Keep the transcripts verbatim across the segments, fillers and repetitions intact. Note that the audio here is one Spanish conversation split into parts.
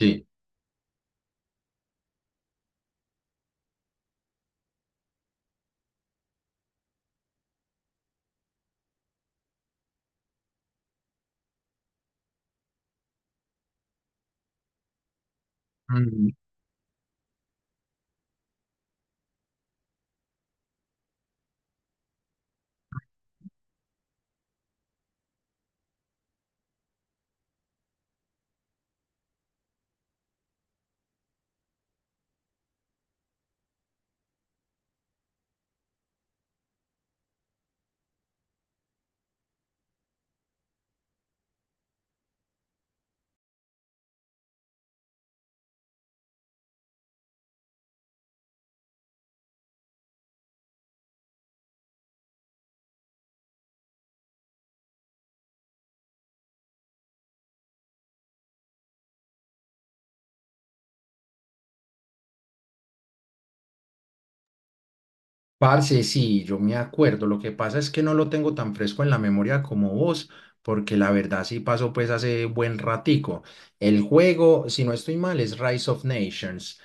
Sí. Mm, Parce, sí, yo me acuerdo. Lo que pasa es que no lo tengo tan fresco en la memoria como vos, porque la verdad sí pasó pues hace buen ratico. El juego, si no estoy mal, es Rise of Nations.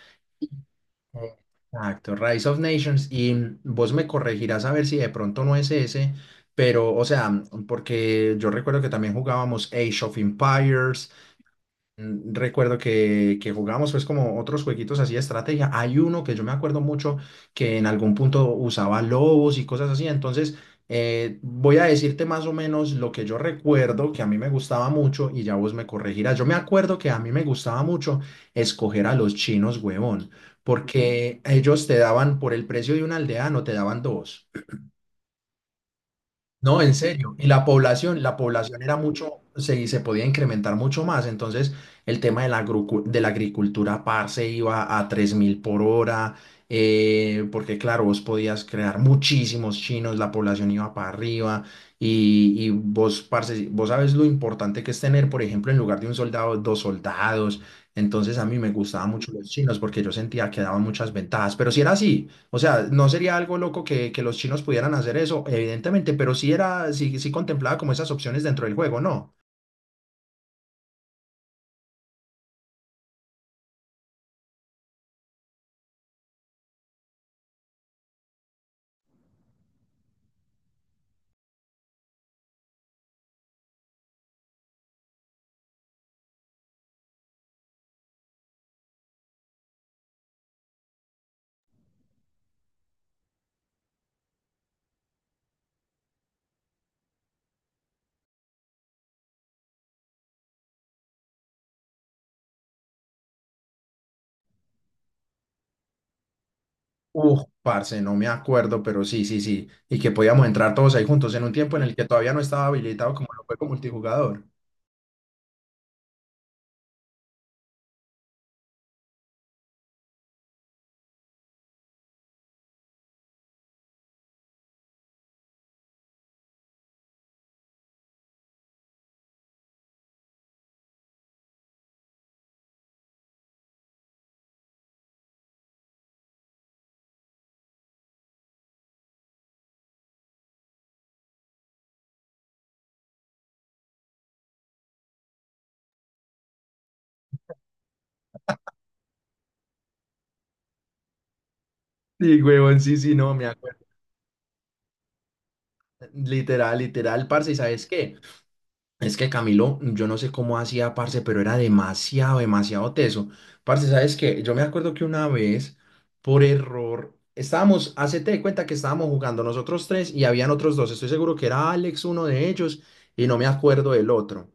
Exacto, Rise of Nations. Y mm, vos me corregirás a ver si de pronto no es ese, pero, o sea, mm, porque yo recuerdo que también jugábamos Age of Empires. Mm, Recuerdo que, que jugamos pues como otros jueguitos así de estrategia. Hay uno que yo me acuerdo mucho que en algún punto usaba lobos y cosas así. Entonces eh, voy a decirte más o menos lo que yo recuerdo que a mí me gustaba mucho y ya vos me corregirás. Yo me acuerdo que a mí me gustaba mucho escoger a los chinos, huevón, porque ellos te daban por el precio de una aldea, no te daban dos. No, en serio. Y la población, la población era mucho, se, se podía incrementar mucho más. Entonces, el tema de la, agrucu- de la agricultura par se iba a tres mil por hora, eh, porque claro, vos podías crear muchísimos chinos, la población iba para arriba. Y, y vos, parce, vos sabes lo importante que es tener, por ejemplo, en lugar de un soldado, dos soldados. Entonces, a mí me gustaban mucho los chinos porque yo sentía que daban muchas ventajas. Pero si era así. O sea, no sería algo loco que, que los chinos pudieran hacer eso, evidentemente, pero sí era, sí, sí contemplaba como esas opciones dentro del juego, ¿no? Uf, parce, no me acuerdo, pero sí, sí, sí. Y que podíamos entrar todos ahí juntos en un tiempo en el que todavía no estaba habilitado como lo fue con multijugador. Sí, huevón, sí, sí, no, me acuerdo. Literal, literal, parce, ¿y sabes qué? Es que Camilo, yo no sé cómo hacía, parce, pero era demasiado, demasiado teso. Parce, ¿sabes qué? Yo me acuerdo que una vez, por error, estábamos, hacete de cuenta que estábamos jugando nosotros tres y habían otros dos. Estoy seguro que era Alex uno de ellos y no me acuerdo del otro.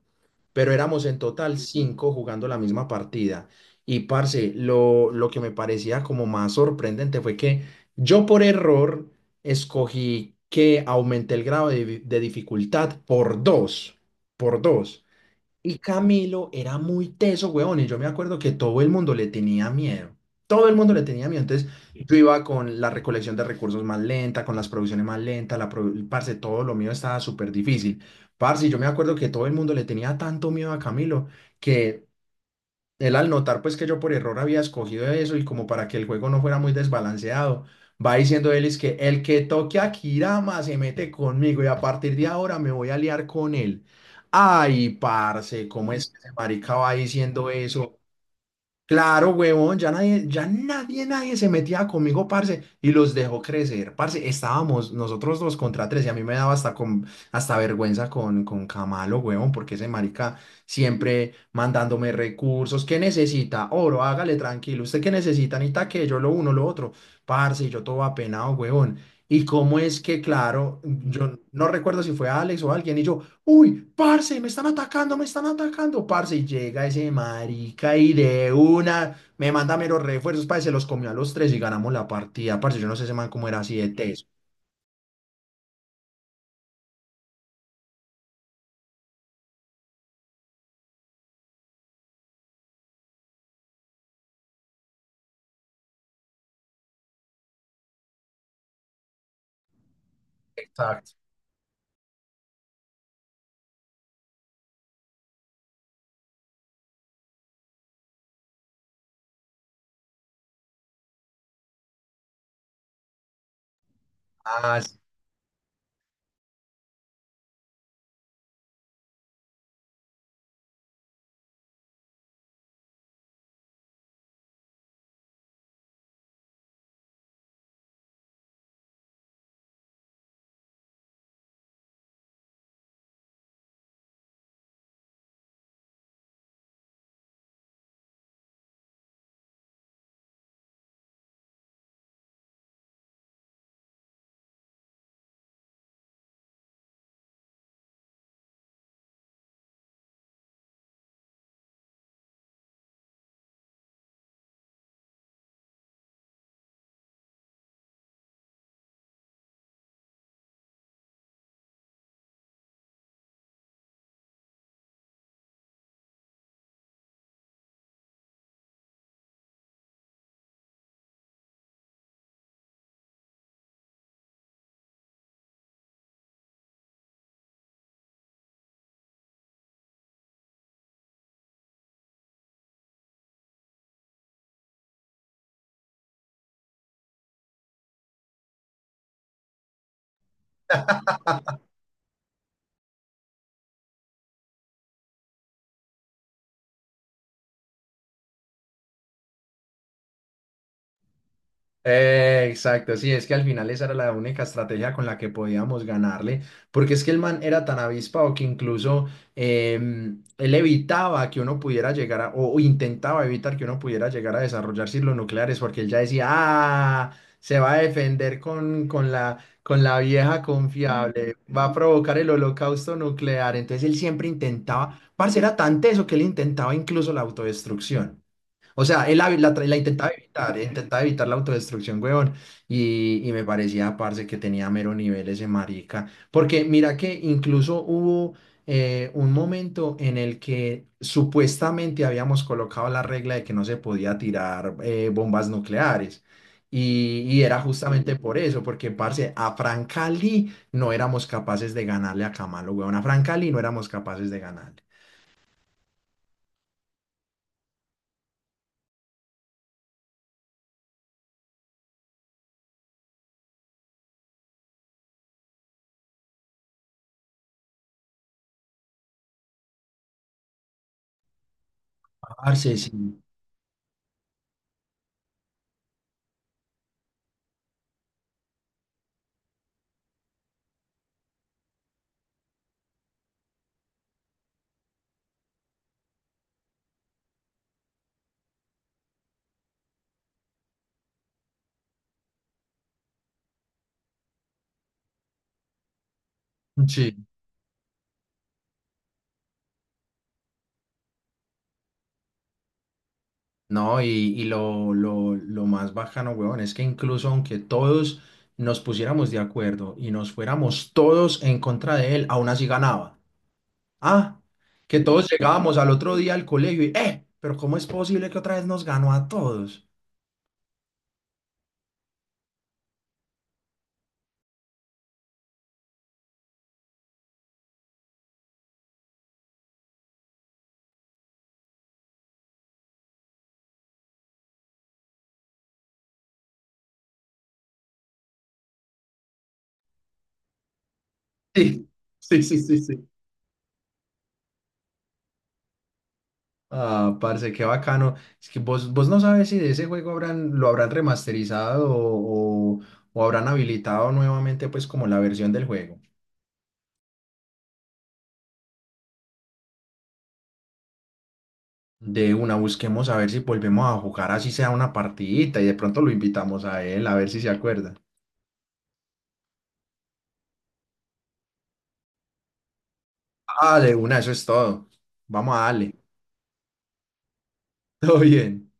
Pero éramos en total cinco jugando la misma partida. Y parce, lo, lo que me parecía como más sorprendente fue que yo por error escogí que aumenté el grado de, vi- de dificultad por dos por dos. Y Camilo era muy teso, weón, y yo me acuerdo que todo el mundo le tenía miedo. Todo el mundo le tenía miedo. Entonces sí, yo iba con la recolección de recursos más lenta, con las producciones más lentas, la pro- parce, todo lo mío estaba súper difícil. Parce, yo me acuerdo que todo el mundo le tenía tanto miedo a Camilo que él al notar pues que yo por error había escogido eso y como para que el juego no fuera muy desbalanceado, va diciendo él es que el que toque a Kirama se mete conmigo y a partir de ahora me voy a liar con él. Ay, parce, ¿cómo es que ese marica va diciendo eso? Claro, huevón, ya nadie, ya nadie, nadie se metía conmigo, parce, y los dejó crecer. Parce, estábamos nosotros dos contra tres y a mí me daba hasta, con, hasta vergüenza con, con Camalo, huevón, porque ese marica siempre mandándome recursos. ¿Qué necesita? Oro, hágale tranquilo. ¿Usted qué necesita? Necesita que yo lo uno, lo otro. Parce, y yo todo apenado, huevón. Y cómo es que, claro, yo no recuerdo si fue Alex o alguien, y yo. Uy, parce, me están atacando, me están atacando, parce. Y llega ese marica y de una me manda meros refuerzos, parce. Se los comió a los tres y ganamos la partida, parce. Yo no sé ese man cómo era así de teso. Exacto. Ah, Eh, exacto, sí, es que al final esa era la única estrategia con la que podíamos ganarle, porque es que el man era tan avispado que incluso em, él evitaba que uno pudiera llegar a, o, o intentaba evitar que uno pudiera llegar a desarrollar silos nucleares, porque él ya decía, ah, se va a defender con, con la, con la vieja confiable, va a provocar el holocausto nuclear, entonces él siempre intentaba, parce, era tan teso que él intentaba incluso la autodestrucción. O sea, él la, la tra- la intentaba evitar, eh, intentaba evitar la autodestrucción, huevón. Y, y me parecía, parce, que tenía mero nivel ese marica. Porque mira que incluso hubo eh, un momento en el que supuestamente habíamos colocado la regla de que no se podía tirar eh, bombas nucleares. Y, y era justamente por eso, porque, parce, a Francali no éramos capaces de ganarle a Camalo, huevón. A Francali no éramos capaces de ganarle. Parce, sí. Sí. No, y, y lo, lo, lo más bacano, weón, es que incluso aunque todos nos pusiéramos de acuerdo y nos fuéramos todos en contra de él, aún así ganaba. Ah, que todos llegábamos al otro día al colegio y, eh, pero ¿cómo es posible que otra vez nos ganó a todos? Sí, sí, sí, sí, sí. Ah, parce, qué bacano. Es que vos, vos no sabes si de ese juego habrán, lo habrán remasterizado o, o o habrán habilitado nuevamente, pues, como la versión del juego. De una, busquemos a ver si volvemos a jugar así sea una partidita y de pronto lo invitamos a él a ver si se acuerda. Ah, de una, eso es todo. Vamos a darle. Todo bien.